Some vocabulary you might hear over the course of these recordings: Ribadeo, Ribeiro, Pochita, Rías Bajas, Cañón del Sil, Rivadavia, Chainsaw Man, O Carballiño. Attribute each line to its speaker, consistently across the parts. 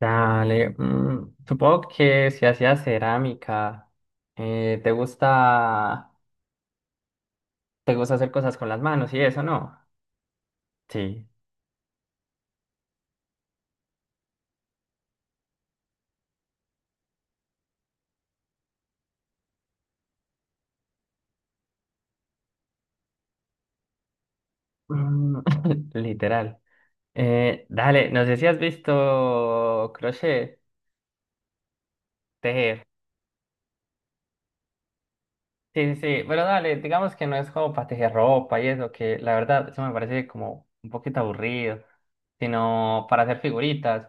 Speaker 1: Dale, supongo que si hacías cerámica, te gusta, hacer cosas con las manos y eso, ¿no? Sí. Mm. Literal. Dale, no sé si has visto crochet, tejer. Sí, sí, sí, pero dale, digamos que no es como para tejer ropa y eso, que la verdad eso me parece como un poquito aburrido, sino para hacer figuritas.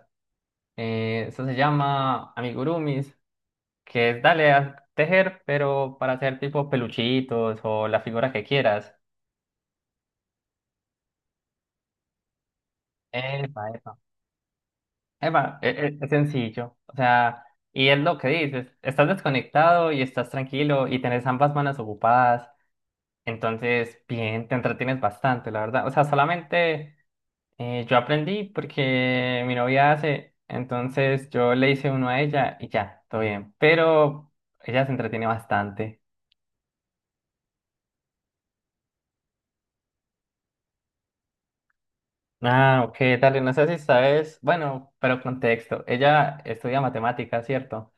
Speaker 1: Eso se llama amigurumis, que es dale a tejer, pero para hacer tipo peluchitos o la figura que quieras. Epa, epa. Epa, es sencillo. O sea, y es lo que dices, estás desconectado y estás tranquilo y tenés ambas manos ocupadas. Entonces, bien, te entretienes bastante, la verdad. O sea, solamente yo aprendí porque mi novia hace, entonces yo le hice uno a ella y ya, todo bien. Pero ella se entretiene bastante. Ah, ok, dale, no sé si sabes, bueno, pero contexto, ella estudia matemáticas, ¿cierto?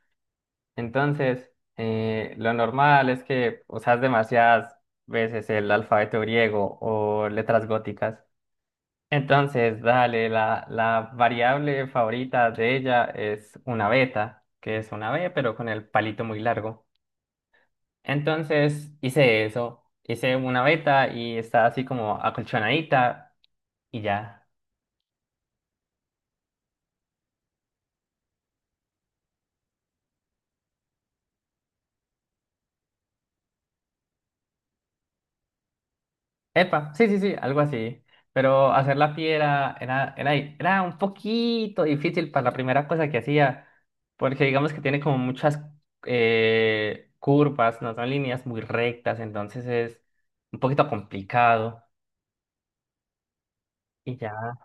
Speaker 1: Entonces, lo normal es que usas demasiadas veces el alfabeto griego o letras góticas. Entonces, dale, la variable favorita de ella es una beta, que es una B, pero con el palito muy largo. Entonces, hice eso, hice una beta y está así como acolchonadita, y ya. Epa, sí, sí, sí, algo así. Pero hacer la piedra era un poquito difícil para la primera cosa que hacía, porque digamos que tiene como muchas curvas, no son líneas muy rectas, entonces es un poquito complicado. Y ya.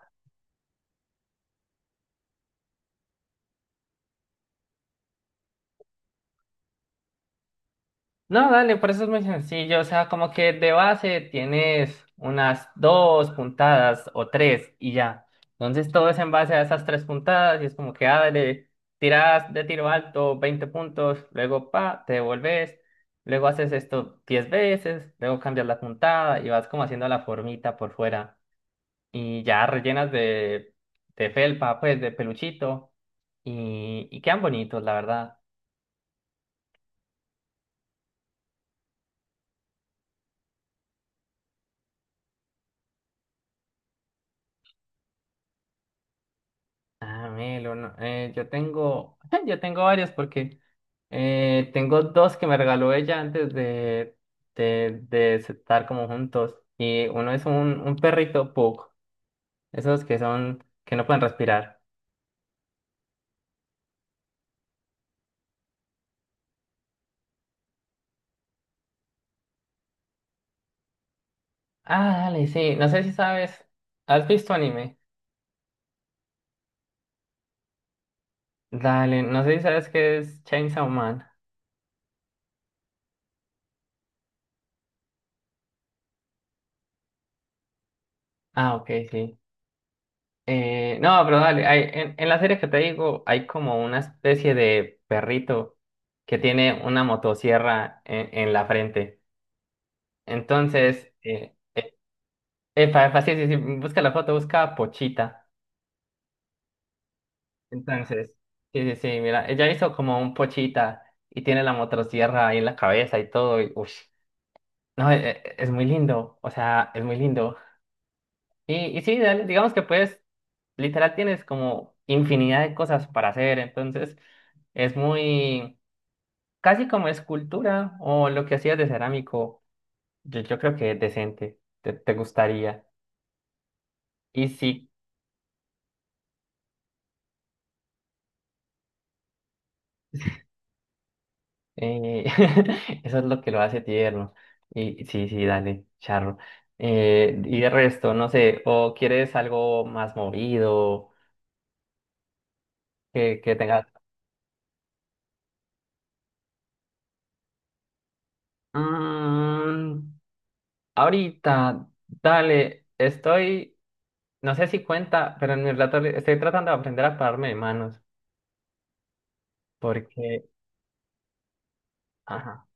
Speaker 1: No, dale, por eso es muy sencillo. O sea, como que de base tienes unas dos puntadas o tres, y ya. Entonces todo es en base a esas tres puntadas y es como que, ah, dale, tiras de tiro alto 20 puntos, luego, pa, te devolves, luego haces esto 10 veces, luego cambias la puntada y vas como haciendo la formita por fuera y ya rellenas de, felpa, pues, de peluchito, y quedan bonitos, la verdad. Ah, Melo, no, yo tengo, yo tengo varios porque tengo dos que me regaló ella antes de estar como juntos. Y uno es un perrito pug, esos que son, que no pueden respirar. Ah, dale, sí, no sé si sabes, ¿has visto anime? Dale, no sé si sabes qué es Chainsaw Man. Ah, ok, sí. No, pero dale, hay, en la serie que te digo hay como una especie de perrito que tiene una motosierra en la frente. Entonces, epa, epa, sí, sí, sí, busca la foto, busca Pochita. Entonces, sí, sí, sí, mira, ella hizo como un Pochita y tiene la motosierra ahí en la cabeza y todo, y uff, no, es muy lindo, o sea, es muy lindo. Y sí, dale, digamos que puedes, literal tienes como infinidad de cosas para hacer, entonces es muy, casi como escultura o lo que hacías de cerámico. Yo creo que es decente, te gustaría. Y sí, eh, eso es lo que lo hace tierno. Y sí, sí, dale, charro. Y de resto, no sé, o quieres algo más movido, que tengas... Mm, Ahorita, dale, estoy... No sé si cuenta, pero en mi relato estoy tratando de aprender a pararme de manos, porque, ajá.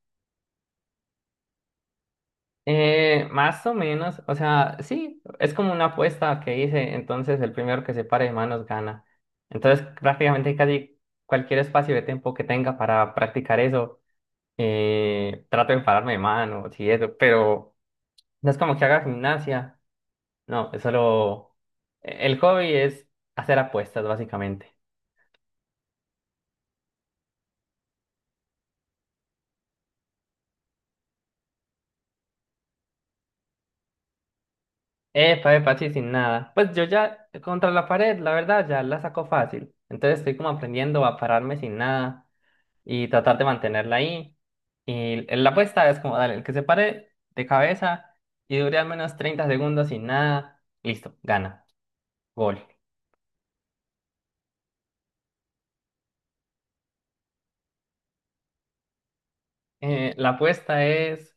Speaker 1: Más o menos, o sea, sí, es como una apuesta que hice, entonces el primero que se pare de manos gana. Entonces, prácticamente casi cualquier espacio de tiempo que tenga para practicar eso, trato de pararme de manos y eso, pero no es como que haga gimnasia, no, es solo... El hobby es hacer apuestas, básicamente. Epa, epa, sí, sin nada. Pues yo ya contra la pared, la verdad, ya la saco fácil. Entonces estoy como aprendiendo a pararme sin nada y tratar de mantenerla ahí. Y la apuesta es como, dale, el que se pare de cabeza y dure al menos 30 segundos sin nada, listo, gana, gol. La apuesta es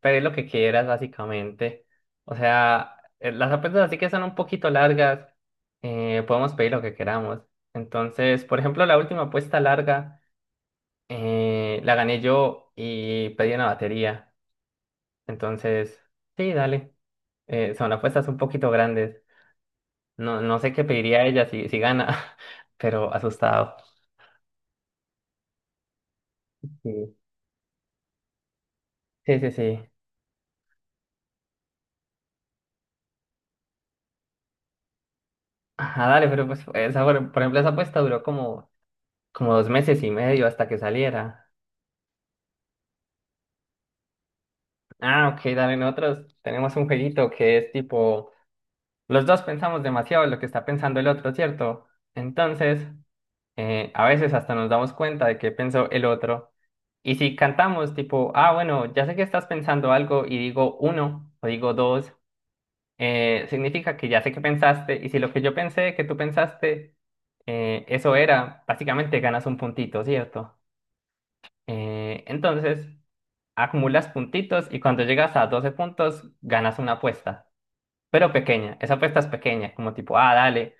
Speaker 1: pedir lo que quieras, básicamente. O sea, las apuestas así que son un poquito largas, podemos pedir lo que queramos. Entonces, por ejemplo, la última apuesta larga. La gané yo y pedí una batería. Entonces, sí, dale. Son apuestas un poquito grandes. No, no sé qué pediría ella si gana, pero asustado. Sí, sí, sí. Sí. Ajá, dale, pero pues esa, por ejemplo, esa apuesta duró como 2 meses y medio hasta que saliera. Ah, ok, dale, nosotros tenemos un jueguito que es tipo, los dos pensamos demasiado en lo que está pensando el otro, ¿cierto? Entonces, a veces hasta nos damos cuenta de qué pensó el otro. Y si cantamos tipo, ah, bueno, ya sé que estás pensando algo y digo uno o digo dos, significa que ya sé que pensaste, y si lo que yo pensé que tú pensaste, eso era, básicamente ganas un puntito, ¿cierto? Entonces, acumulas puntitos, y cuando llegas a 12 puntos, ganas una apuesta, pero pequeña. Esa apuesta es pequeña, como tipo, ah, dale,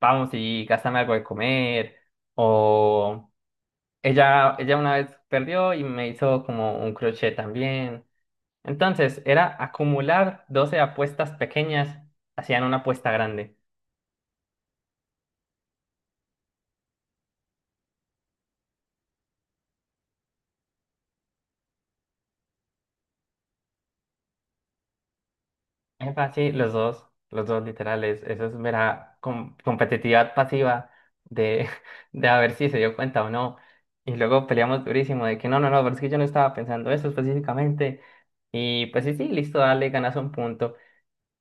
Speaker 1: vamos y gástame algo de comer, o... ella una vez perdió y me hizo como un crochet también. Entonces, era acumular 12 apuestas pequeñas, hacían una apuesta grande. Epa, sí, los dos literales. Eso es mera competitividad pasiva de, de a ver si se dio cuenta o no. Y luego peleamos durísimo de que no, no, no, pero es que yo no estaba pensando eso específicamente. Y pues sí, sí, listo, dale, ganas un punto.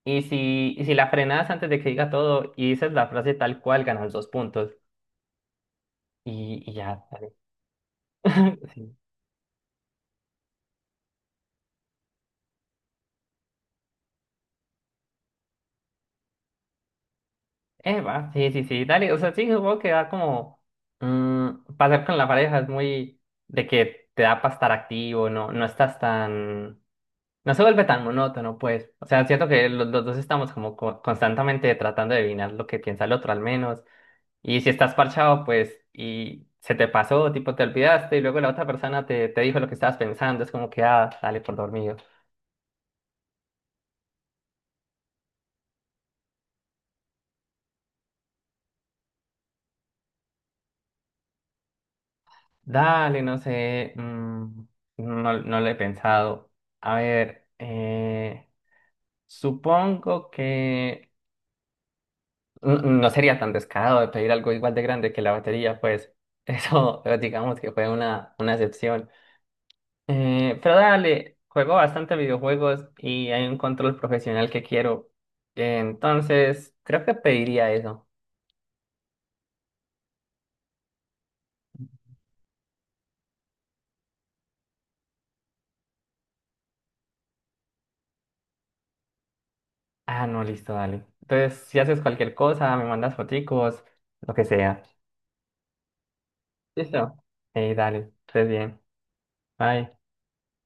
Speaker 1: Y si la frenas antes de que diga todo y dices la frase tal cual, ganas dos puntos. Y ya. Sí. Eva, sí, sí, sí, dale, o sea, sí, supongo que da como pasar con la pareja es muy de que te da para estar activo, no, no estás tan, no se vuelve tan monótono, pues. O sea, siento que los dos estamos como constantemente tratando de adivinar lo que piensa el otro al menos, y si estás parchado, pues, y se te pasó, tipo, te olvidaste, y luego la otra persona te dijo lo que estabas pensando, es como que, ah, dale por dormido. Dale, no sé, no, no lo he pensado, a ver. Supongo que no sería tan descarado de pedir algo igual de grande que la batería, pues eso digamos que fue una excepción. Pero dale, juego bastante videojuegos y hay un control profesional que quiero. Entonces, creo que pediría eso. Ah, no, listo, dale. Entonces, si haces cualquier cosa, me mandas foticos, lo que sea. Listo. Dale, estés bien. Bye.